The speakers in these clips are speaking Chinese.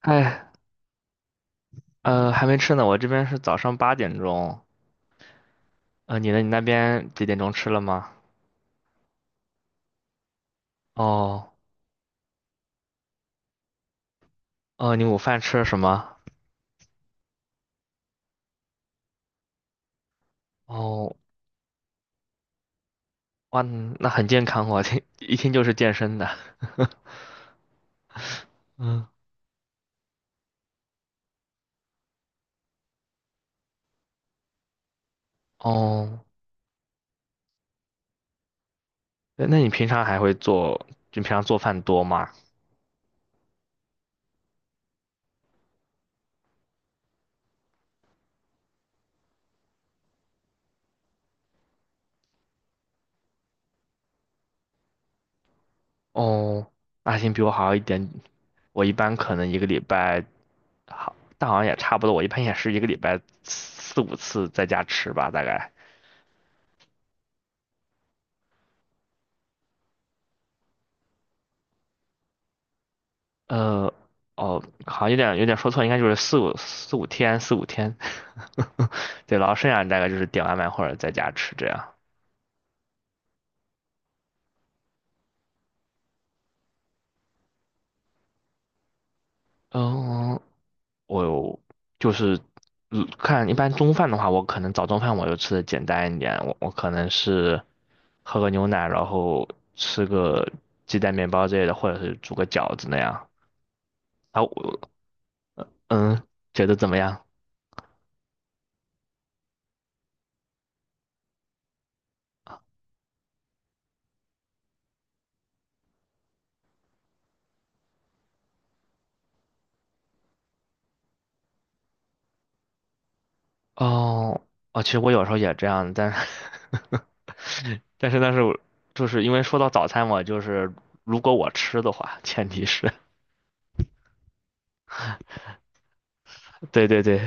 哎，还没吃呢，我这边是早上8点钟。你呢？你那边几点钟吃了吗？哦，哦，你午饭吃了什么？哦，哇，那很健康哦，听一听就是健身的。嗯，哦，那你平常还会做？就平常做饭多吗？哦，那行，比我好一点。我一般可能一个礼拜，好，但好像也差不多。我一般也是一个礼拜四五次在家吃吧，大概。呃，哦，好，像有点说错，应该就是四五天，四五天。对，然后剩下大概就是点外卖或者在家吃这样。嗯，我有就是看一般中饭的话，我可能早中饭我就吃的简单一点，我可能是喝个牛奶，然后吃个鸡蛋面包之类的，或者是煮个饺子那样。啊，嗯，觉得怎么样？哦，哦，其实我有时候也这样，但是 但是我就是因为说到早餐嘛，就是如果我吃的话，前提是 对对对，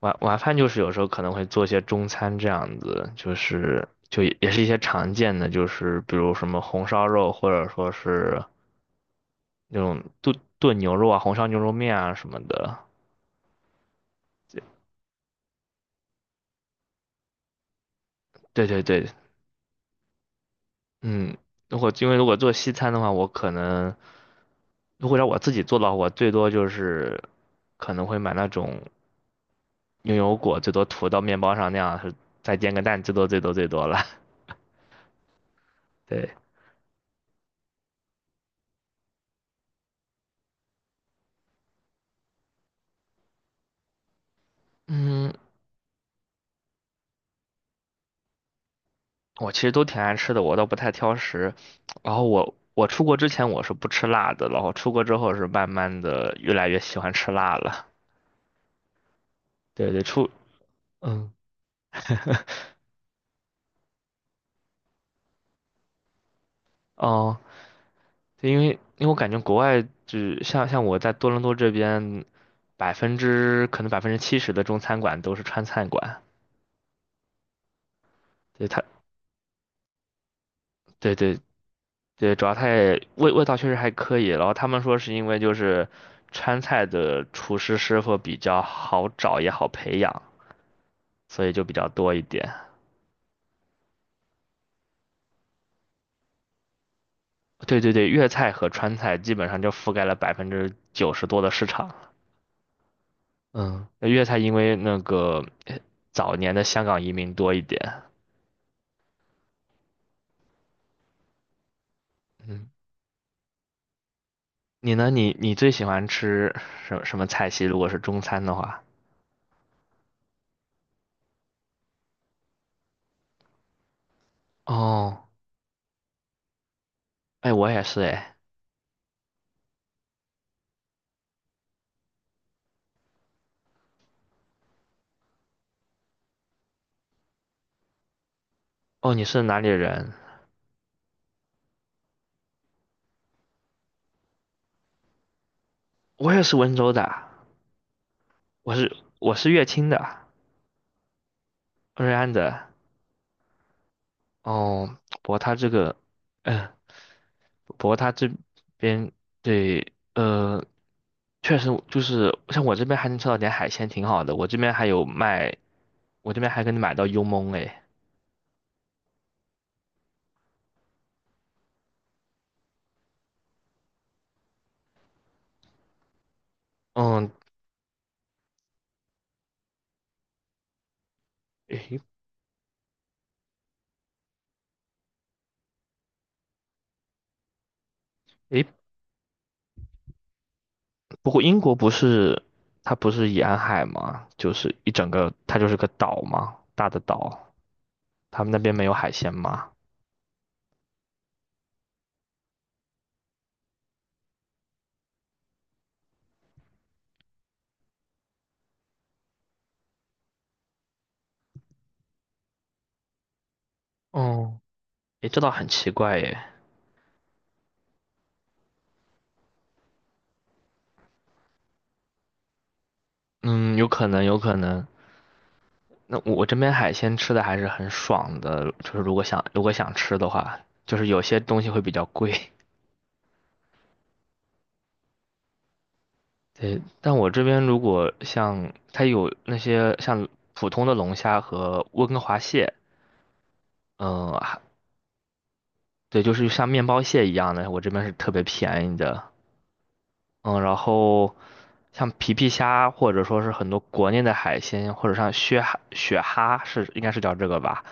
晚饭就是有时候可能会做一些中餐这样子，就是也是一些常见的，就是比如什么红烧肉，或者说是那种炖炖牛肉啊、红烧牛肉面啊什么的。对对对，嗯，如果做西餐的话，我可能。如果让我自己做的话，我最多就是可能会买那种牛油果，最多涂到面包上那样，是再煎个蛋，最多最多最多了。对，嗯，我其实都挺爱吃的，我倒不太挑食。然后我出国之前我是不吃辣的，然后出国之后是慢慢的越来越喜欢吃辣了。对对，嗯哦，对，因为我感觉国外就像我在多伦多这边，70%的中餐馆都是川菜馆，对它。对对对，主要它也味道确实还可以，然后他们说是因为就是川菜的厨师师傅比较好找也好培养，所以就比较多一点。对对对，粤菜和川菜基本上就覆盖了90%多的市场。嗯，那粤菜因为那个早年的香港移民多一点。嗯，你呢？你最喜欢吃什么菜系？如果是中餐的话，哦，哎，我也是哎，哦，你是哪里人？我也是温州的。我是我是乐清的，瑞安的。哦，不过他这个，嗯、不过他这边对，确实就是像我这边还能吃到点海鲜，挺好的。我这边还有卖，我这边还给你买到幽焖哎。嗯，诶诶，不过英国不是它不是沿海吗？就是一整个它就是个岛嘛，大的岛。他们那边没有海鲜吗？哦，诶，这倒很奇怪耶。嗯，有可能，有可能。那我这边海鲜吃的还是很爽的，就是如果想吃的话，就是有些东西会比较贵。对，但我这边如果像它有那些像普通的龙虾和温哥华蟹，嗯，还对，就是像面包蟹一样的，我这边是特别便宜的。嗯，然后像皮皮虾或者说是很多国内的海鲜，或者像雪蛤、雪蛤应该是叫这个吧，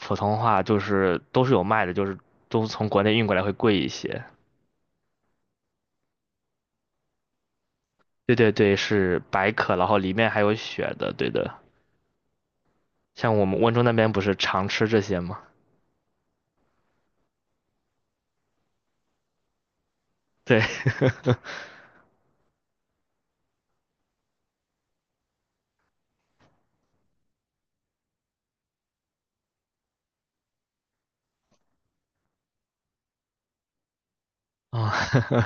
普通话就是都是有卖的，就是都从国内运过来会贵一些。对对对，是白壳，然后里面还有血的，对的。像我们温州那边不是常吃这些吗？对，啊，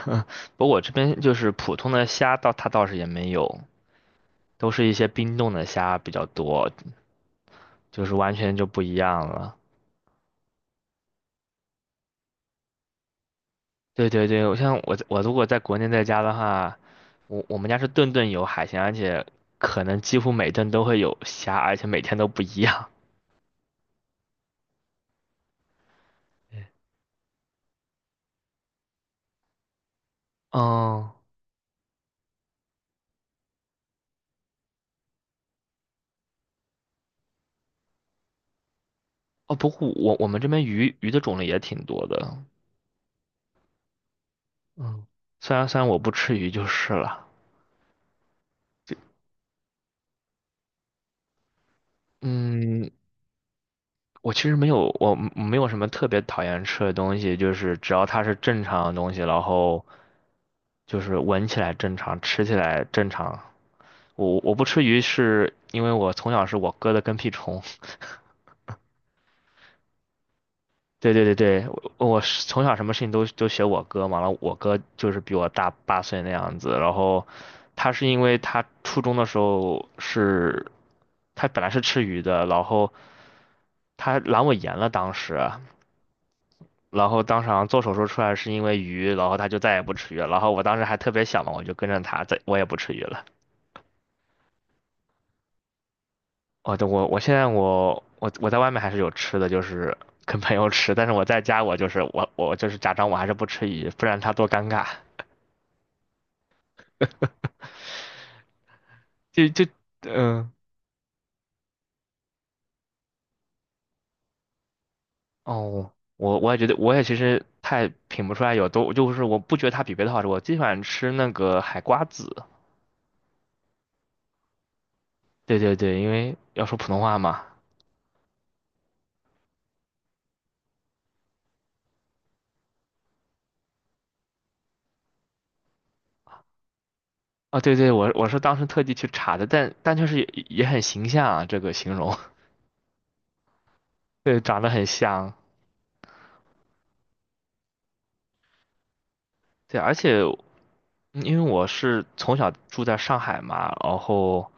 不过我这边就是普通的虾倒它倒是也没有，都是一些冰冻的虾比较多，就是完全就不一样了。对对对，像我如果在国内在家的话，我们家是顿顿有海鲜，而且可能几乎每顿都会有虾，而且每天都不一样。嗯，哦，哦不过我们这边鱼的种类也挺多的，嗯，虽然我不吃鱼就是了。嗯，我其实没有，我没有什么特别讨厌吃的东西，就是只要它是正常的东西，然后就是闻起来正常，吃起来正常。我不吃鱼是因为我从小是我哥的跟屁虫。对对对对，我是从小什么事情都学我哥嘛，然后我哥就是比我大8岁那样子，然后他是因为他初中的时候是，他本来是吃鱼的，然后他阑尾炎了当时，然后当时好像做手术出来是因为鱼，然后他就再也不吃鱼了，然后我当时还特别小嘛，我就跟着他，在我也不吃鱼了。哦，对，我现在我在外面还是有吃的，就是跟朋友吃，但是我在家我就是假装我还是不吃鱼，不然他多尴尬。就就嗯、哦，我也觉得，我也其实太品不出来有多，就是我不觉得它比别的好吃。我最喜欢吃那个海瓜子。对对对，因为要说普通话嘛。啊、对对，我是当时特地去查的，但确实也很形象啊，这个形容，对，长得很像。对，而且因为我是从小住在上海嘛，然后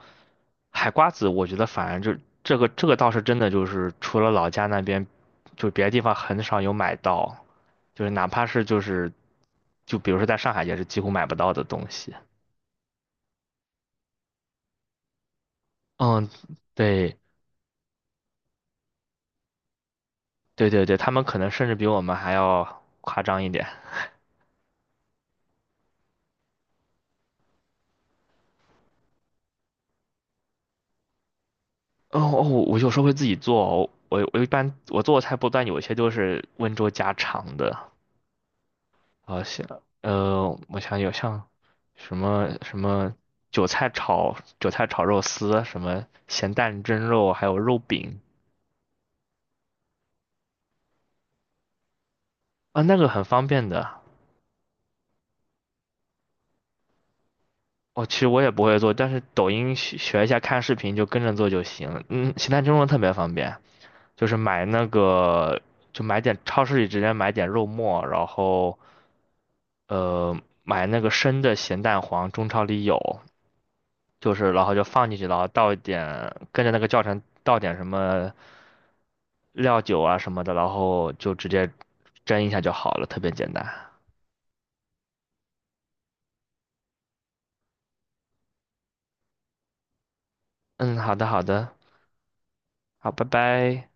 海瓜子，我觉得反正就这个倒是真的，就是除了老家那边，就别的地方很少有买到。就是哪怕是就是，就比如说在上海也是几乎买不到的东西。嗯，对对对对，他们可能甚至比我们还要夸张一点。哦哦，我有时候会自己做哦我一般我做的菜不但有些都是温州家常的，啊我想有像什么什么韭菜炒肉丝，什么咸蛋蒸肉，还有肉饼啊，那个很方便的。哦，其实我也不会做，但是抖音学学一下，看视频就跟着做就行。嗯，形态蒸笼特别方便，就是买那个，就买点超市里直接买点肉末，然后呃买那个生的咸蛋黄，中超里有，就是然后就放进去，然后倒一点，跟着那个教程倒点什么料酒啊什么的，然后就直接蒸一下就好了，特别简单。嗯，好的好的，好，拜拜。